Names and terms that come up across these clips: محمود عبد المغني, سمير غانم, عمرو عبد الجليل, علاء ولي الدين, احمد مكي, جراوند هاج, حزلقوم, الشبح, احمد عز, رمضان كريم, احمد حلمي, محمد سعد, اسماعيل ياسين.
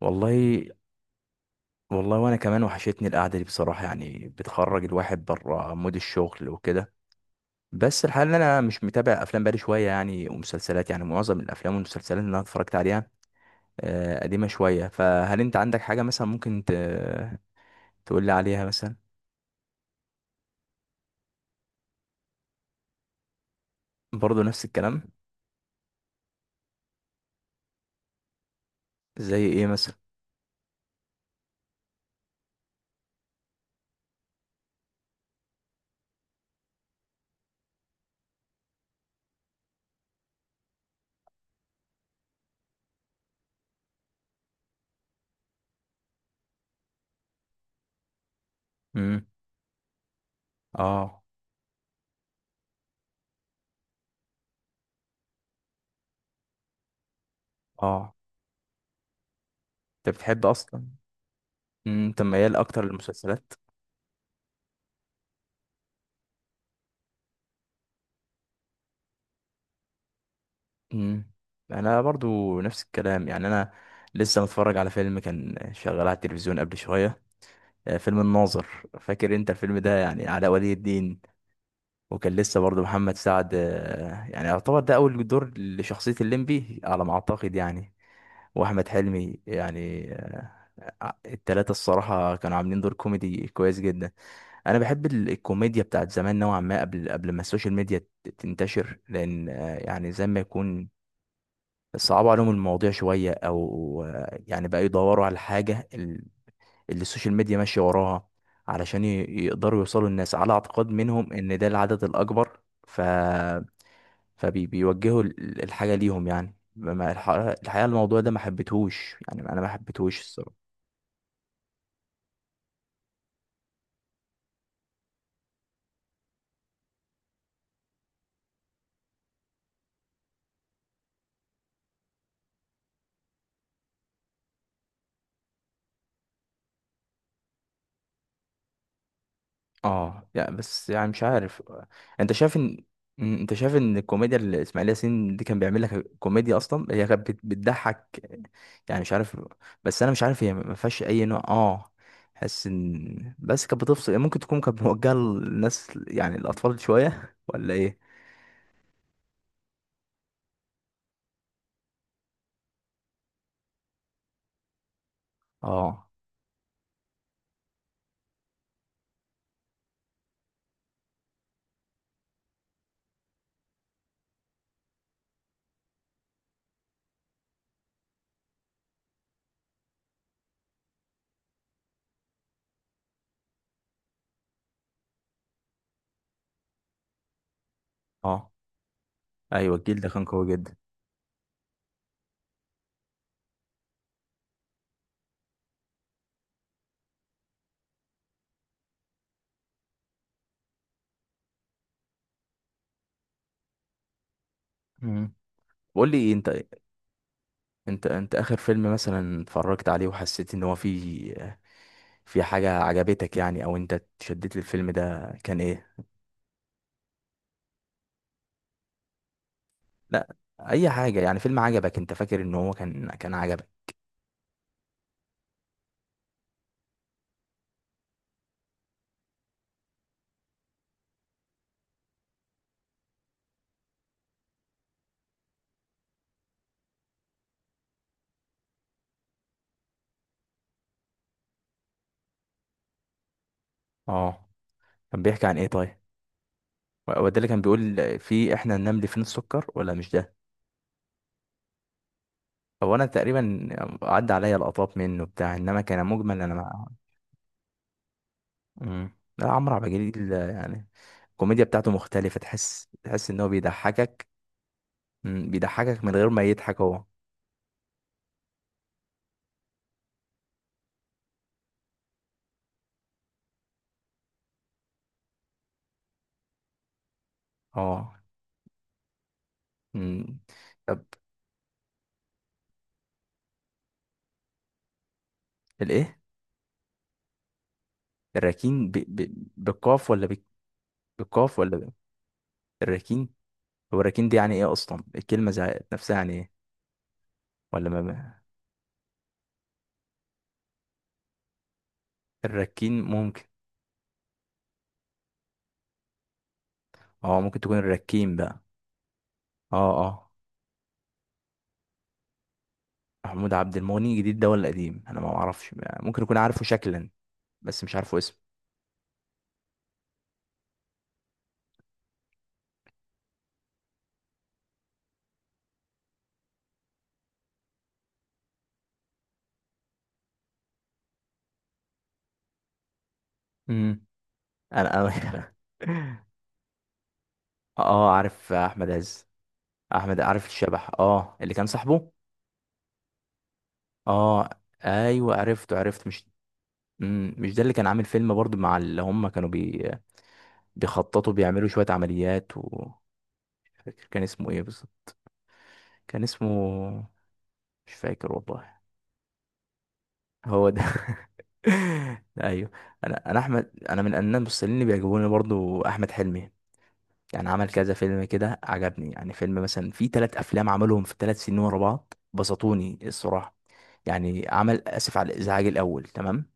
والله والله. وانا كمان وحشتني القعده دي بصراحه، يعني بتخرج الواحد بره مود الشغل وكده. بس الحال ان انا مش متابع افلام بقالي شويه، يعني ومسلسلات، يعني معظم الافلام والمسلسلات اللي انا اتفرجت عليها قديمه شويه. فهل انت عندك حاجه مثلا ممكن تقول لي عليها مثلا؟ برضه نفس الكلام. زي ايه مثلا؟ امم. اه، اه، انت بتحب اصلا؟ انت ميال اكتر للمسلسلات؟ امم. انا برضو نفس الكلام، يعني انا لسه متفرج على فيلم كان شغال على التلفزيون قبل شويه. فيلم الناظر. فاكر انت الفيلم ده؟ يعني علاء ولي الدين، وكان لسه برضو محمد سعد، يعني يعتبر ده اول دور لشخصيه الليمبي على ما اعتقد يعني. واحمد حلمي يعني التلاتة الصراحه كانوا عاملين دور كوميدي كويس جدا. انا بحب الكوميديا بتاعت زمان نوعا ما، قبل ما السوشيال ميديا تنتشر، لان يعني زي ما يكون صعبوا عليهم المواضيع شوية، أو يعني بقى يدوروا على الحاجة اللي السوشيال ميديا ماشية وراها، علشان يقدروا يوصلوا الناس على اعتقاد منهم إن ده العدد الأكبر. ف... فبيوجهوا الحاجة ليهم، يعني الحقيقة الموضوع ده ما حبيتهوش، يعني أنا ما حبيتهوش الصراحة. اه، لا بس يعني مش عارف. انت شايف ان انت شايف ان الكوميديا اللي اسماعيل ياسين دي كان بيعمل لك كوميديا اصلا هي كانت بتضحك؟ يعني مش عارف. بس انا مش عارف هي ما فيهاش اي نوع حس ان بس كانت بتفصل، ممكن تكون كانت موجهه للناس يعني الاطفال شويه ولا ايه؟ اه، اه، ايوه، الجيل ده كان قوي جدا. مم. قول لي انت. انت اخر فيلم مثلا اتفرجت عليه وحسيت ان هو فيه، في حاجة عجبتك يعني، او انت اتشدت للفيلم ده، كان ايه؟ لا، اي حاجة يعني، فيلم عجبك انت فاكر ان هو كان عجبك؟ اه، كان بيحكي عن ايه طيب؟ هو ده اللي كان بيقول في احنا النمل فين السكر، ولا مش ده؟ هو انا تقريبا عدى عليا لقطات منه بتاع، انما كان مجمل انا مع. مم. لا، عمرو عبد الجليل يعني الكوميديا بتاعته مختلفة، تحس ان هو بيضحكك. بيضحكك من غير ما يضحك هو. اه. مم. طب الايه؟ الراكين بالقاف ولا بالقاف ولا الراكين. هو الراكين دي يعني ايه اصلا، الكلمه نفسها يعني ايه؟ ولا ما ما- الراكين ممكن. اه، ممكن تكون الراكين بقى. اه، اه، محمود عبد المغني جديد ده ولا قديم؟ انا ما اعرفش، ممكن اكون عارفه شكلا بس مش عارفه اسم. امم. انا. اه، عارف احمد عز. احمد، عارف الشبح اللي كان صاحبه. اه، ايوه عرفته، عرفت، مش... مش ده اللي كان عامل فيلم برضو مع اللي هم كانوا بيخططوا بيعملوا شوية عمليات و... مش فاكر كان اسمه ايه بالظبط. كان اسمه مش فاكر والله. هو ده. ايوه. انا من الناس الممثلين اللي بيعجبوني برضو احمد حلمي. يعني عمل كذا فيلم كده عجبني، يعني فيلم مثلا، في ثلاث افلام عملهم في 3 سنين ورا بعض بسطوني الصراحة. يعني عمل اسف على الازعاج الاول، تمام،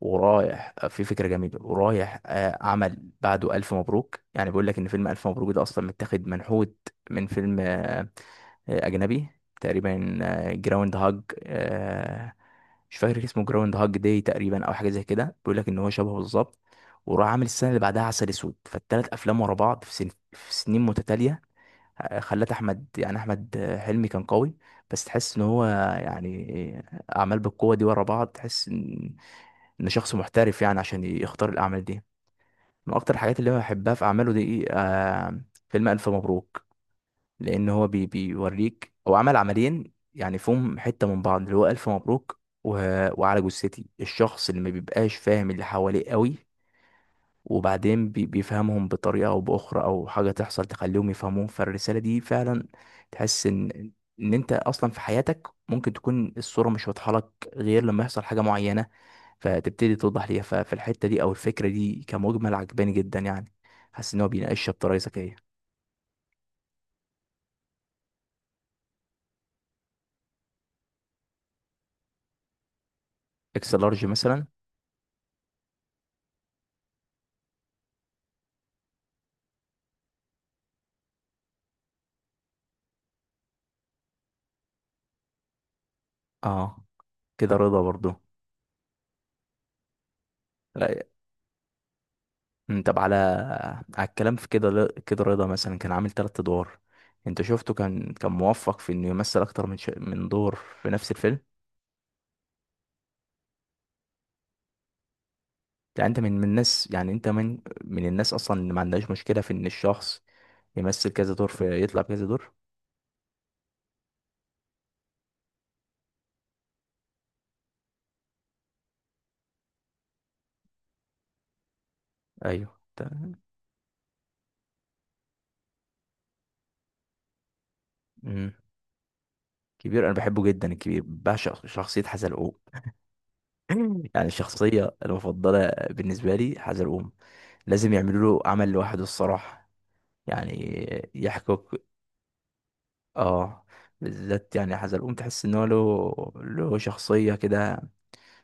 ورايح في فكرة جميلة، ورايح عمل بعده ألف مبروك. يعني بيقول لك إن فيلم ألف مبروك ده أصلا متاخد منحوت من فيلم أجنبي تقريبا، جراوند هاج، مش فاكر اسمه، جراوند هاج داي تقريبا أو حاجة زي كده. بيقول لك إن هو شبهه بالظبط. وراح عامل السنة اللي بعدها عسل أسود، فالتلات أفلام ورا بعض في سنين متتالية خلت أحمد، يعني أحمد حلمي كان قوي، بس تحس إن هو يعني أعمال بالقوة دي ورا بعض، تحس إن شخص محترف يعني عشان يختار الاعمال دي. من اكتر الحاجات اللي انا بحبها في اعماله دي فيلم الف مبروك، لان هو بيوريك، هو عمل عملين يعني فيهم حته من بعض، اللي هو الف مبروك و... وعلى جثتي، الشخص اللي ما بيبقاش فاهم اللي حواليه قوي، وبعدين بيفهمهم بطريقة أو بأخرى، أو حاجة تحصل تخليهم يفهموهم، فالرسالة دي فعلا تحس إن أنت أصلا في حياتك ممكن تكون الصورة مش واضحة لك، غير لما يحصل حاجة معينة فتبتدي توضح ليها. ففي الحتة دي، أو الفكرة دي كمجمل، عجباني جدا يعني. حاسس إن هو بيناقشها بطريقة ذكية. إكس لارج مثلا. أه، كده رضا برضو. طب، على الكلام في كده، كده رضا مثلا كان عامل تلات ادوار، انت شفته كان موفق في انه يمثل اكتر من دور في نفس الفيلم؟ يعني انت من من الناس يعني انت من من الناس اصلا اللي ما عندهاش مشكلة في ان الشخص يمثل كذا دور، في يطلع بكذا دور؟ ايوه مم. كبير انا بحبه جدا، الكبير بعشق شخصية حزلقوم. يعني الشخصية المفضلة بالنسبة لي حزلقوم. لازم يعملوا له عمل لوحده الصراحة، يعني يحكوا. اه، بالذات يعني حزلقوم تحس ان هو له شخصيه كده،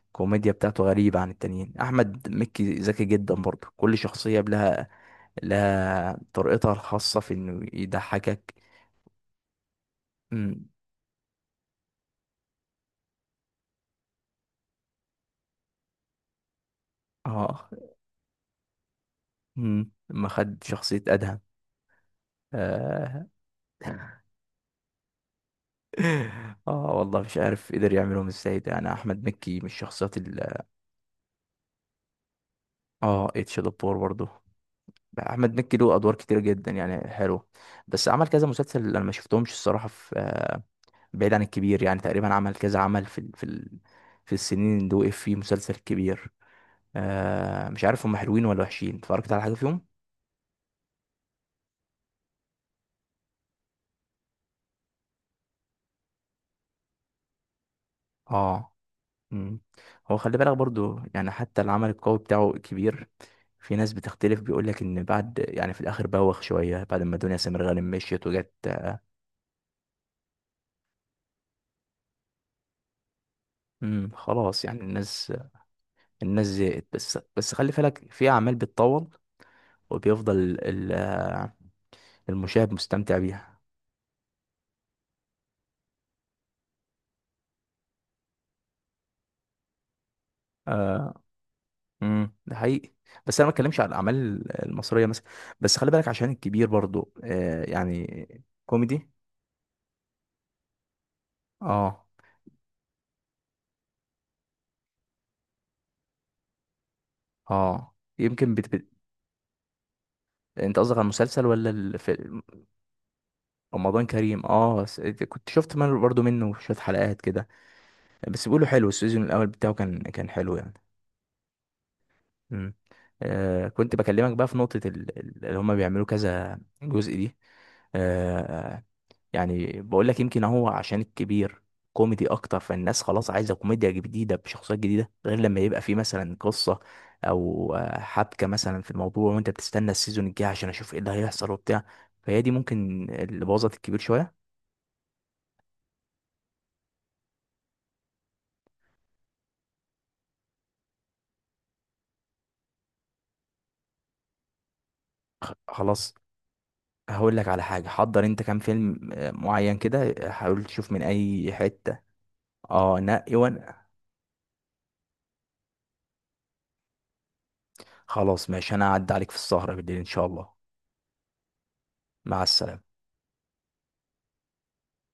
الكوميديا بتاعته غريبه عن التانيين. احمد مكي ذكي جدا برضه، كل شخصيه لها طريقتها الخاصه في انه يضحكك. امم. اه، امم، لما خد شخصيه ادهم. اه. اه، والله مش عارف قدر يعملهم ازاي، ده يعني احمد مكي من الشخصيات ال... اه، اتش دبور برضه. احمد مكي له ادوار كتير جدا يعني حلو، بس عمل كذا مسلسل انا ما شفتهمش الصراحه، في بعيد عن الكبير يعني تقريبا عمل كذا عمل في السنين اللي وقف فيه مسلسل كبير. مش عارف هم حلوين ولا وحشين، اتفرجت على حاجة فيهم؟ اه. مم. هو خلي بالك برضو، يعني حتى العمل القوي بتاعه كبير، في ناس بتختلف، بيقول لك ان بعد يعني في الاخر بوخ شوية بعد ما دنيا سمير غانم مشيت وجت. امم، خلاص يعني الناس زهقت. بس خلي بالك في اعمال بتطول وبيفضل ال- آه، المشاهد مستمتع بيها. آه. امم، ده حقيقي، بس انا ما بتكلمش على الاعمال المصريه مثلا، بس خلي بالك عشان الكبير برضو يعني كوميدي. اه، اه، يمكن انت قصدك على المسلسل ولا الفيلم؟ رمضان كريم، اه، كنت شفت من برضو منه شويه حلقات كده، بس بيقولوا حلو، السيزون الاول بتاعه كان حلو يعني. امم. كنت بكلمك بقى في نقطه اللي هم بيعملوا كذا جزء دي. آه يعني بقول لك يمكن هو عشان الكبير كوميدي اكتر، فالناس خلاص عايزه كوميديا جديده بشخصيات جديده، غير لما يبقى في مثلا قصه او حبكه مثلا في الموضوع، وانت بتستنى السيزون الجاي عشان اشوف ايه اللي هيحصل وبتاع. فهي دي ممكن اللي بوظت الكبير شويه. خلاص، هقول لك على حاجه. حضر انت كام فيلم معين كده، حاول تشوف من اي حته. اه، نقي وانا. خلاص ماشي، انا هعدي عليك في السهره بالليل ان شاء الله. مع السلامه.